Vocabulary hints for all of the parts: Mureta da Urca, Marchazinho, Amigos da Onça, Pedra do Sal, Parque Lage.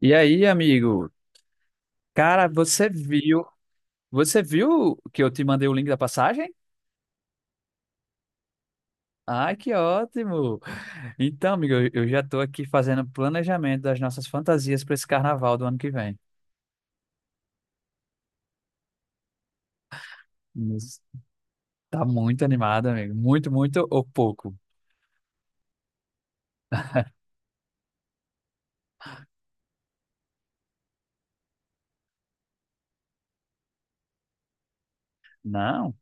E aí, amigo? Cara, você viu? Você viu que eu te mandei o link da passagem? Ai, que ótimo! Então, amigo, eu já tô aqui fazendo planejamento das nossas fantasias para esse carnaval do ano que vem. Mas tá muito animado, amigo. Muito, muito ou pouco? Não,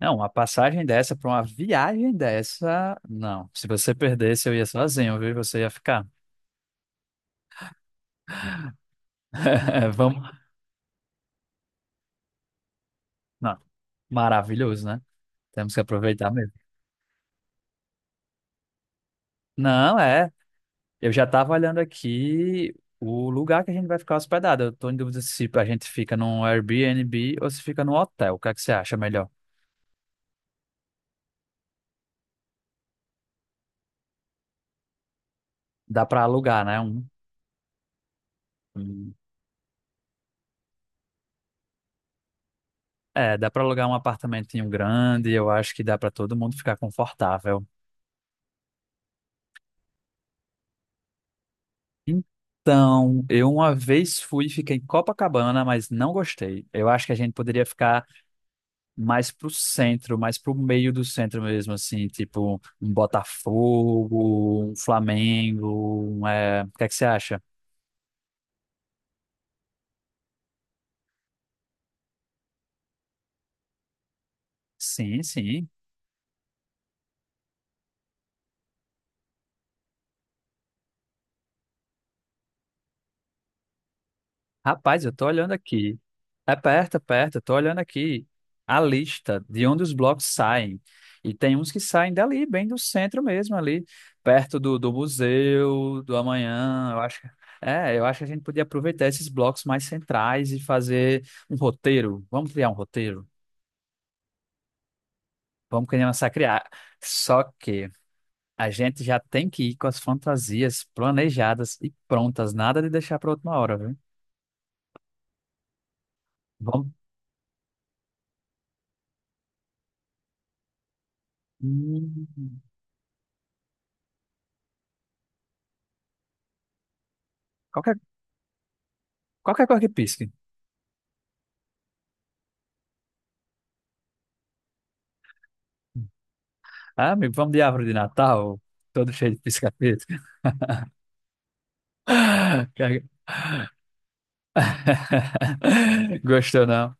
não, uma passagem dessa para uma viagem dessa, não. Se você perdesse, eu ia sozinho, viu? Você ia ficar. Vamos. Não, maravilhoso, né? Temos que aproveitar mesmo. Não, é. Eu já estava olhando aqui o lugar que a gente vai ficar hospedado. Eu tô em dúvida se a gente fica num Airbnb ou se fica num hotel. O que é que você acha melhor? Dá para alugar, né? Um- É, dá para alugar um apartamentinho grande. Eu acho que dá para todo mundo ficar confortável. Então, eu uma vez fui e fiquei em Copacabana, mas não gostei. Eu acho que a gente poderia ficar mais pro centro, mais pro meio do centro mesmo, assim, tipo um Botafogo, um Flamengo, o que é que você acha? Sim, sim. Rapaz, eu tô olhando aqui. É perto, eu tô olhando aqui a lista de onde os blocos saem. E tem uns que saem dali, bem do centro mesmo, ali, perto do museu, do amanhã, eu acho que. É, eu acho que a gente podia aproveitar esses blocos mais centrais e fazer um roteiro. Vamos criar um roteiro? Vamos querer massacrar. Só que a gente já tem que ir com as fantasias planejadas e prontas, nada de deixar para última hora, viu? Vamos. Hum, Qualquer, qualquer coisa que pisque. Ah, amigo, vamos de árvore de Natal, todo cheio de pisca-pisca. Gostou, não?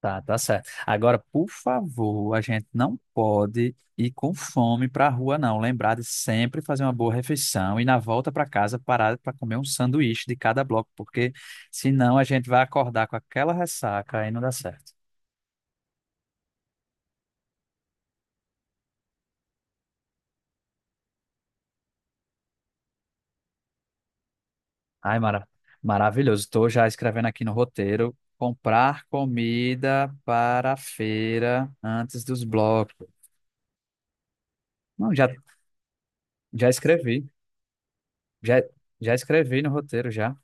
Tá, tá certo. Agora, por favor, a gente não pode ir com fome para a rua, não. Lembrar de sempre fazer uma boa refeição e na volta para casa parar para comer um sanduíche de cada bloco, porque senão a gente vai acordar com aquela ressaca e não dá certo. Ai, maravilhoso. Estou já escrevendo aqui no roteiro: comprar comida para a feira antes dos blocos. Não, já, já escrevi. Já, já escrevi no roteiro já.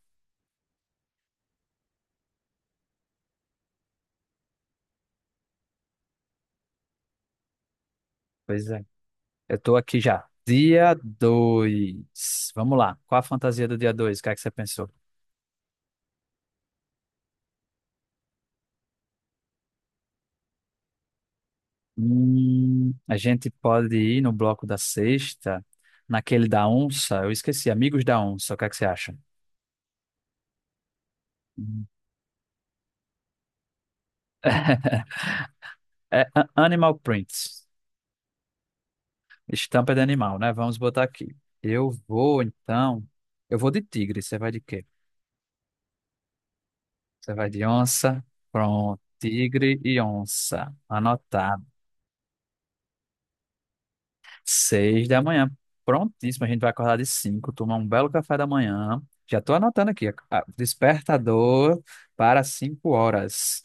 Pois é. Eu tô aqui já. Dia 2. Vamos lá. Qual a fantasia do dia 2? O que é que você pensou? A gente pode ir no bloco da sexta, naquele da onça. Eu esqueci, Amigos da Onça. O que é que você acha? Hum. Animal Prints. Estampa de animal, né? Vamos botar aqui. Eu vou, então. Eu vou de tigre. Você vai de quê? Você vai de onça. Pronto. Tigre e onça. Anotar. Seis da manhã. Prontíssimo, a gente vai acordar de cinco, tomar um belo café da manhã. Já estou anotando aqui, ah, despertador para cinco horas.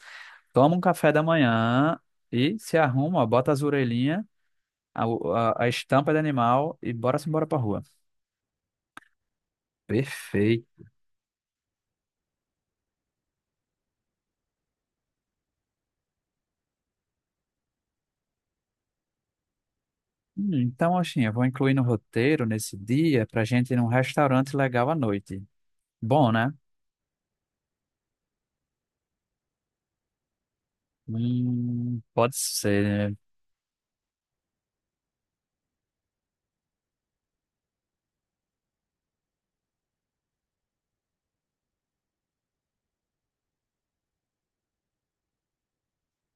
Toma um café da manhã e se arruma, ó, bota as orelhinhas, a estampa de animal e bora-se embora para rua. Perfeito. Então, assim, eu vou incluir no roteiro nesse dia para gente ir num restaurante legal à noite. Bom, né? Pode ser.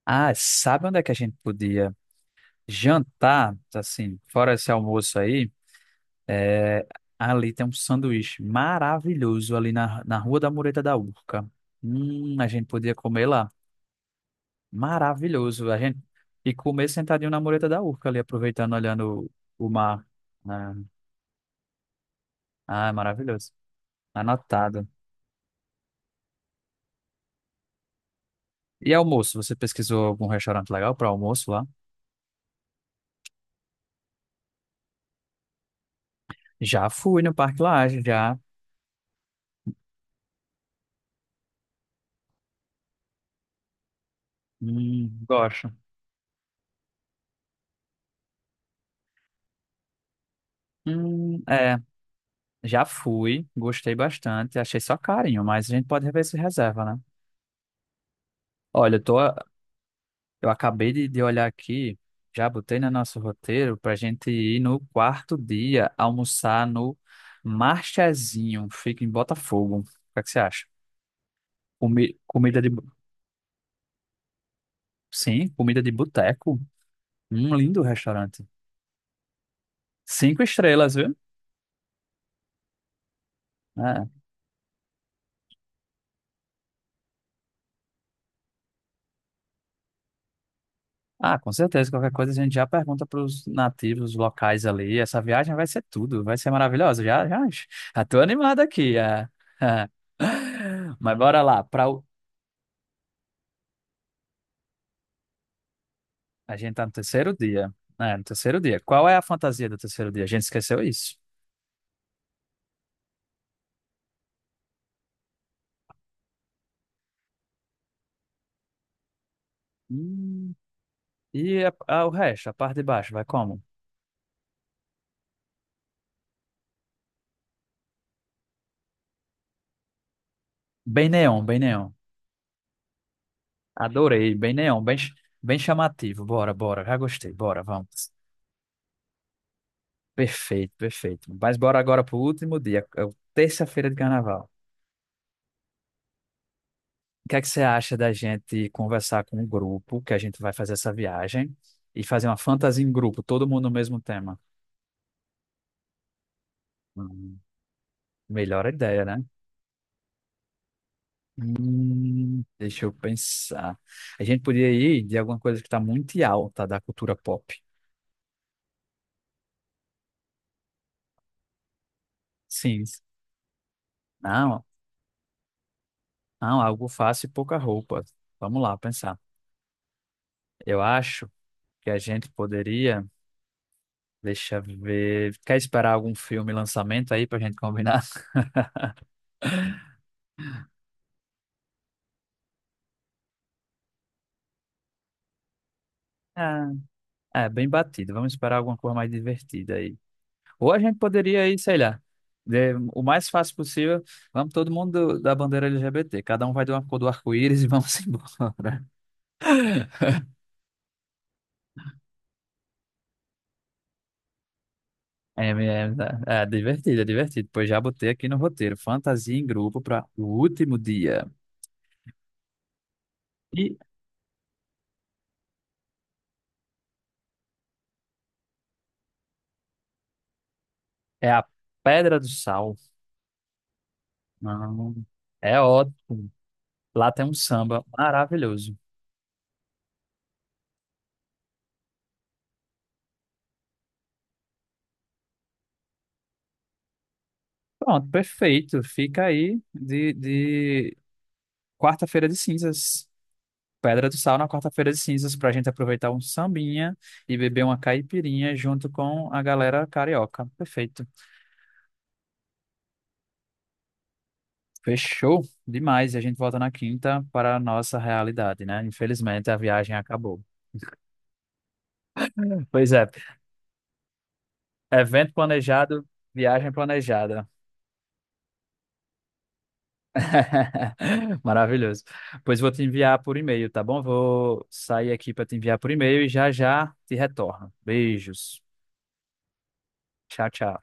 Ah, sabe onde é que a gente podia? Jantar, assim, fora esse almoço aí, é, ali tem um sanduíche maravilhoso ali na Rua da Mureta da Urca. A gente podia comer lá. Maravilhoso. A gente comer sentadinho na Mureta da Urca ali, aproveitando, olhando o mar. Né? Ah, é maravilhoso. Anotado. E almoço, você pesquisou algum restaurante legal para almoço lá? Já fui no Parque Lage, já. Gosto. É. Já fui, gostei bastante, achei só carinho, mas a gente pode rever se reserva, né? Olha, eu tô, eu acabei de olhar aqui, já botei no nosso roteiro pra gente ir no quarto dia almoçar no Marchazinho, fica em Botafogo. O que é que você acha? Comi- comida de, bu- sim, comida de boteco, um lindo restaurante. Cinco estrelas, viu? É. Ah, com certeza. Qualquer coisa a gente já pergunta para os nativos locais ali. Essa viagem vai ser tudo, vai ser maravilhosa. Já, já, já tô animado aqui. É. Mas bora lá. A gente tá no terceiro dia. É, no terceiro dia. Qual é a fantasia do terceiro dia? A gente esqueceu isso. Hum, e o resto, a parte de baixo, vai como? Bem neon, bem neon. Adorei, bem neon, bem chamativo. Bora, bora, já gostei. Bora, vamos. Perfeito, perfeito. Mas bora agora pro último dia, é o terça-feira de carnaval. O que é que você acha da gente conversar com o grupo que a gente vai fazer essa viagem e fazer uma fantasia em grupo, todo mundo no mesmo tema? Hum, melhor ideia, né? Deixa eu pensar. A gente podia ir de alguma coisa que está muito alta da cultura pop. Sim. Não, não, algo fácil e pouca roupa. Vamos lá, pensar. Eu acho que a gente poderia. Deixa eu ver. Quer esperar algum filme lançamento aí pra gente combinar? Ah, é, bem batido. Vamos esperar alguma coisa mais divertida aí. Ou a gente poderia ir, sei lá, o mais fácil possível, vamos todo mundo da bandeira LGBT, cada um vai de uma cor do arco-íris e vamos embora. É, é, é, divertido, é divertido. Pois já botei aqui no roteiro, fantasia em grupo para o último dia. E é a Pedra do Sal. Não, é ótimo. Lá tem um samba maravilhoso. Pronto, perfeito. Fica aí de quarta-feira de cinzas. Pedra do Sal na quarta-feira de cinzas pra gente aproveitar um sambinha e beber uma caipirinha junto com a galera carioca. Perfeito. Fechou demais. E a gente volta na quinta para a nossa realidade, né? Infelizmente a viagem acabou. Pois é, evento planejado, viagem planejada. Maravilhoso. Pois vou te enviar por e-mail, tá bom? Vou sair aqui para te enviar por e-mail e já já te retorno. Beijos. Tchau, tchau.